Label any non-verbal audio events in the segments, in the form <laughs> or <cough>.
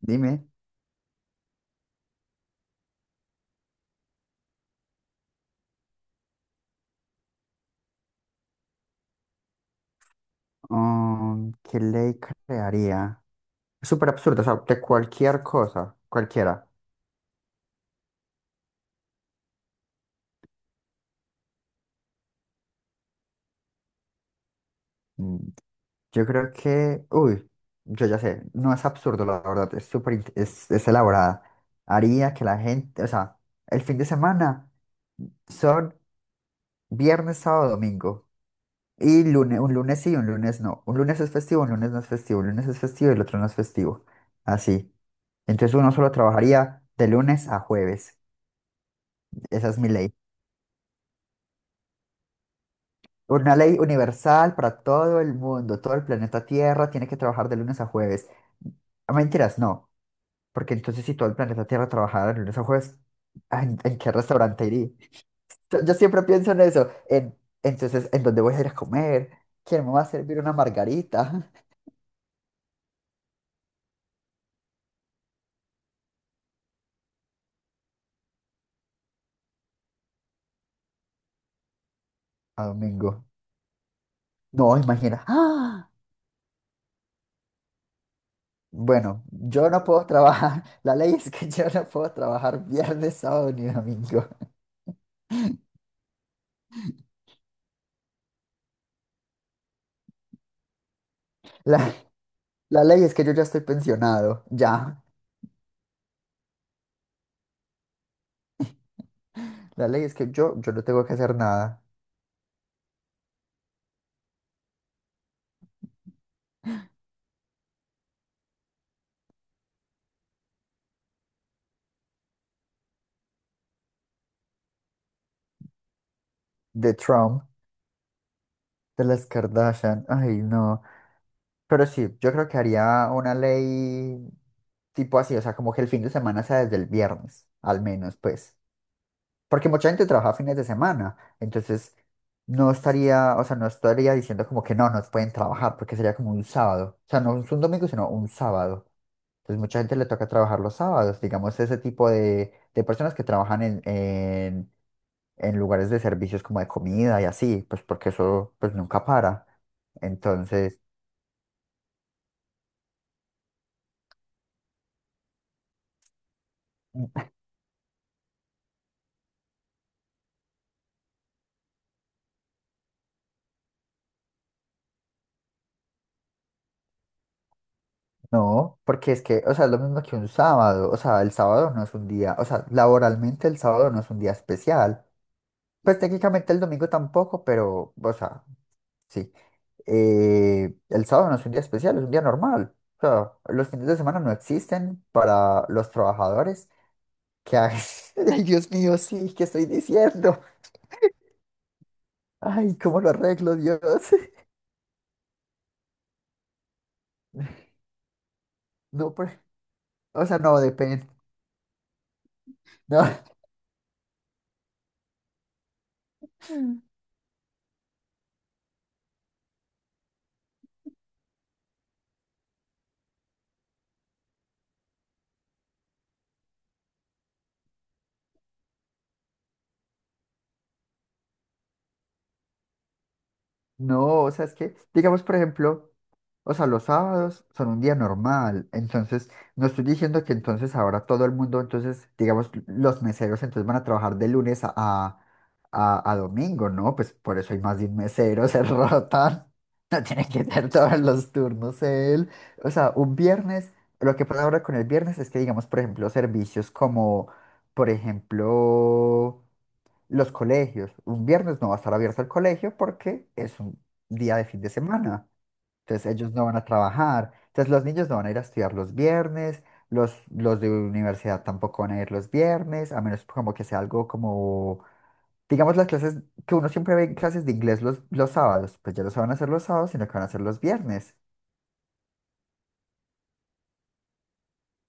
Dime, ¿qué ley crearía? Es súper absurdo, o sea, de cualquier cosa, cualquiera. Mm, Yo creo que, uy, yo ya sé, no es absurdo, la verdad, es súper, es elaborada. Haría que la gente, o sea, el fin de semana son viernes, sábado, domingo. Y lunes, un lunes sí, un lunes no. Un lunes es festivo, un lunes no es festivo, un lunes es festivo y el otro no es festivo. Así. Entonces uno solo trabajaría de lunes a jueves. Esa es mi ley. Una ley universal para todo el mundo, todo el planeta Tierra tiene que trabajar de lunes a jueves. Ah, mentiras, no, porque entonces si todo el planeta Tierra trabajara de lunes a jueves, ah, ¿en qué restaurante iría? Yo siempre pienso en eso, entonces, ¿en dónde voy a ir a comer? ¿Quién me va a servir una margarita? <laughs> A domingo. No, imagina. <gasps> ¡Ah! Bueno, yo no puedo trabajar. <laughs> La ley es que yo no puedo trabajar viernes, sábado ni domingo. <laughs> La, la ley es que yo ya estoy pensionado, ya. La ley es que yo no tengo que hacer nada. De Trump, de las Kardashian. Ay, no. Pero sí, yo creo que haría una ley tipo así, o sea, como que el fin de semana sea desde el viernes, al menos, pues. Porque mucha gente trabaja fines de semana. Entonces, no estaría, o sea, no estaría diciendo como que no, no pueden trabajar, porque sería como un sábado. O sea, no es un domingo, sino un sábado. Entonces, mucha gente le toca trabajar los sábados, digamos, ese tipo de, personas que trabajan en, en lugares de servicios como de comida y así, pues porque eso pues nunca para. Entonces, no, porque es que, o sea, es lo mismo que un sábado, o sea, el sábado no es un día, o sea, laboralmente el sábado no es un día especial. Pues técnicamente el domingo tampoco, pero, o sea, sí. El sábado no es un día especial, es un día normal. O sea, los fines de semana no existen para los trabajadores que hagan... <laughs> Ay, Dios mío, sí, ¿qué estoy diciendo? Ay, ¿cómo lo arreglo, Dios? <laughs> No, pues, o sea, no, depende. No, <laughs> no, o sea, es que, digamos, por ejemplo, o sea, los sábados son un día normal. Entonces, no estoy diciendo que entonces ahora todo el mundo, entonces, digamos, los meseros entonces van a trabajar de lunes a, a domingo, ¿no? Pues por eso hay más de un mesero, se <laughs> rotan. No tiene que tener todos los turnos él. O sea, un viernes, lo que pasa ahora con el viernes es que, digamos, por ejemplo, servicios como, por ejemplo, los colegios. Un viernes no va a estar abierto el colegio porque es un día de fin de semana. Entonces ellos no van a trabajar. Entonces los niños no van a ir a estudiar los viernes. Los de universidad tampoco van a ir los viernes, a menos como que sea algo como, digamos, las clases que uno siempre ve en clases de inglés los, sábados, pues ya no se van a hacer los sábados, sino que van a hacer los viernes.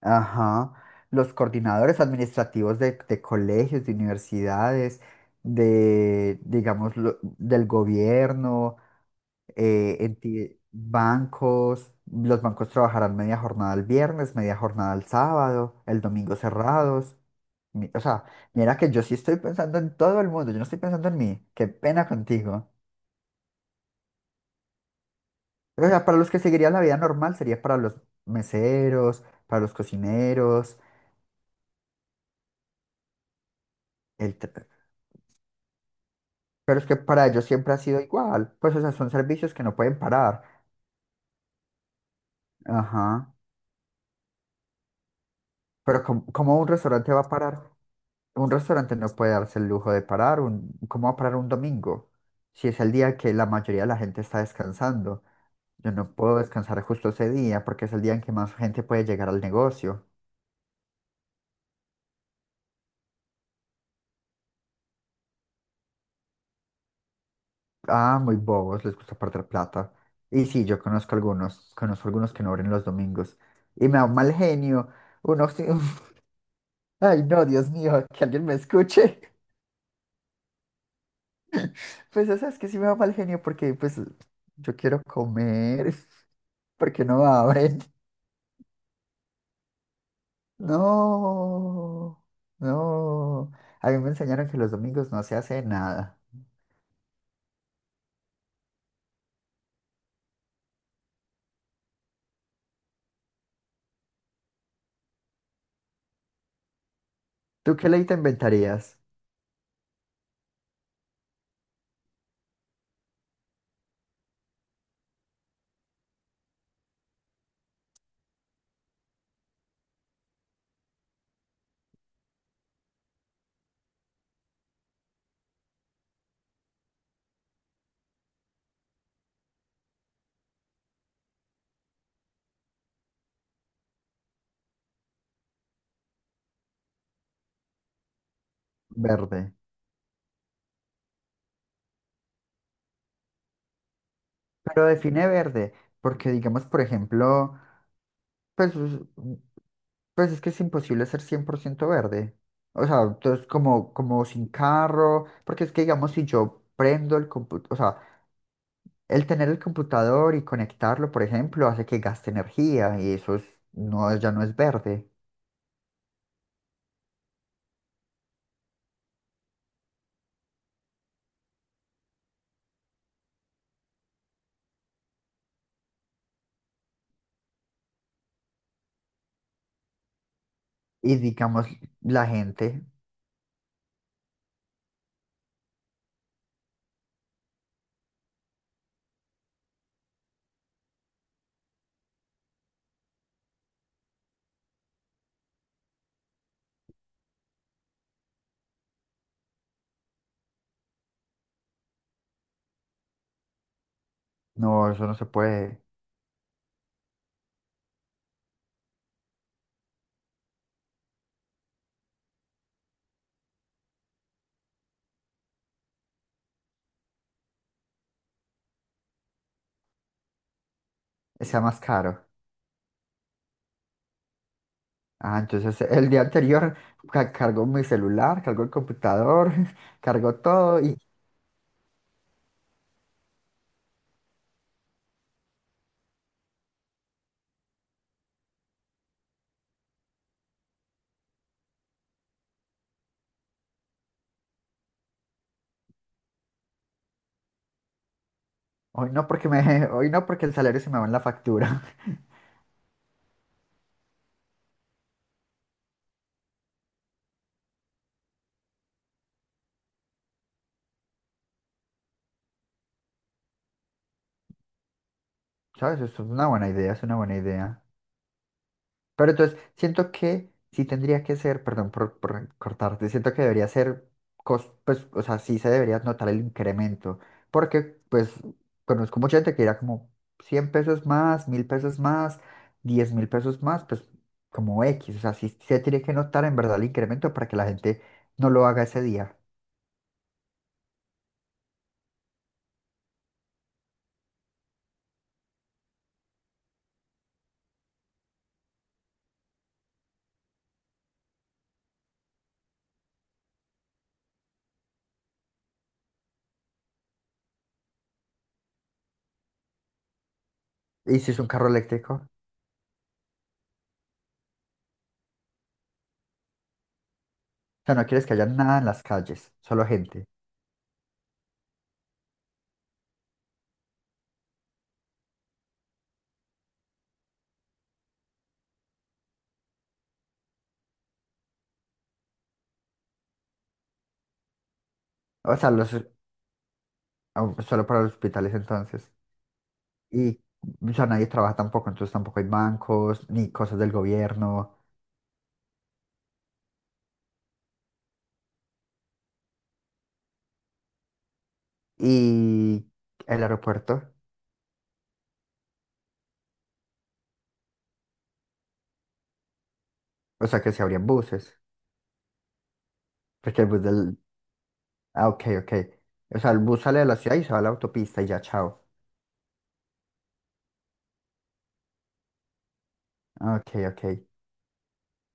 Ajá. Los coordinadores administrativos de colegios, de universidades, de, digamos, lo- del gobierno, enti- bancos, los bancos trabajarán media jornada el viernes, media jornada el sábado, el domingo cerrados. O sea, mira que yo sí estoy pensando en todo el mundo, yo no estoy pensando en mí, qué pena contigo. O sea, para los que seguiría la vida normal sería para los meseros, para los cocineros, el tra- pero es que para ellos siempre ha sido igual, pues o sea, son servicios que no pueden parar. Ajá, pero ¿cómo, cómo un restaurante va a parar? Un restaurante no puede darse el lujo de parar un, ¿cómo va a parar un domingo? Si es el día que la mayoría de la gente está descansando. Yo no puedo descansar justo ese día porque es el día en que más gente puede llegar al negocio. Ah, muy bobos, les gusta perder plata. Y sí, yo conozco algunos que no abren los domingos. Y me da un mal genio. Uno, sí, <laughs> ay no, Dios mío, que alguien me escuche. <laughs> Pues o sea, es que sí me da mal genio porque pues yo quiero comer, <laughs> ¿por qué no abren. No, no. A mí me enseñaron que los domingos no se hace nada. ¿Tú qué ley te inventarías? Verde. Pero define verde, porque digamos, por ejemplo, pues, pues es que es imposible ser 100% verde. O sea, entonces como, como sin carro, porque es que digamos, si yo prendo el computador, o sea, el tener el computador y conectarlo, por ejemplo, hace que gaste energía y eso es- no, ya no es verde. Y digamos, la gente, no, eso no se puede. Sea más caro. Ah, entonces el día anterior cargó mi celular, cargó el computador, <laughs> cargó todo y hoy no porque me, <laughs> hoy no porque el salario se me va en la factura. <laughs> ¿Sabes? Eso es una buena idea, es una buena idea. Pero entonces, siento que sí tendría que ser, perdón por, cortarte, siento que debería ser, pues, o sea, sí se debería notar el incremento, porque pues conozco mucha gente que dirá como 100 pesos más, 1.000 pesos más, 10.000 pesos más, pues como X, o sea, sí se tiene que notar en verdad el incremento para que la gente no lo haga ese día. Y si es un carro eléctrico, o sea, no quieres que haya nada en las calles, solo gente, o sea, los, o- solo para los hospitales entonces. Y ya nadie trabaja tampoco, entonces tampoco hay bancos ni cosas del gobierno y el aeropuerto, o sea que se abrían buses, porque el bus del... Ah, ok, ok. O sea, el bus sale de la ciudad y se va a la autopista y ya, chao. Ok, ok.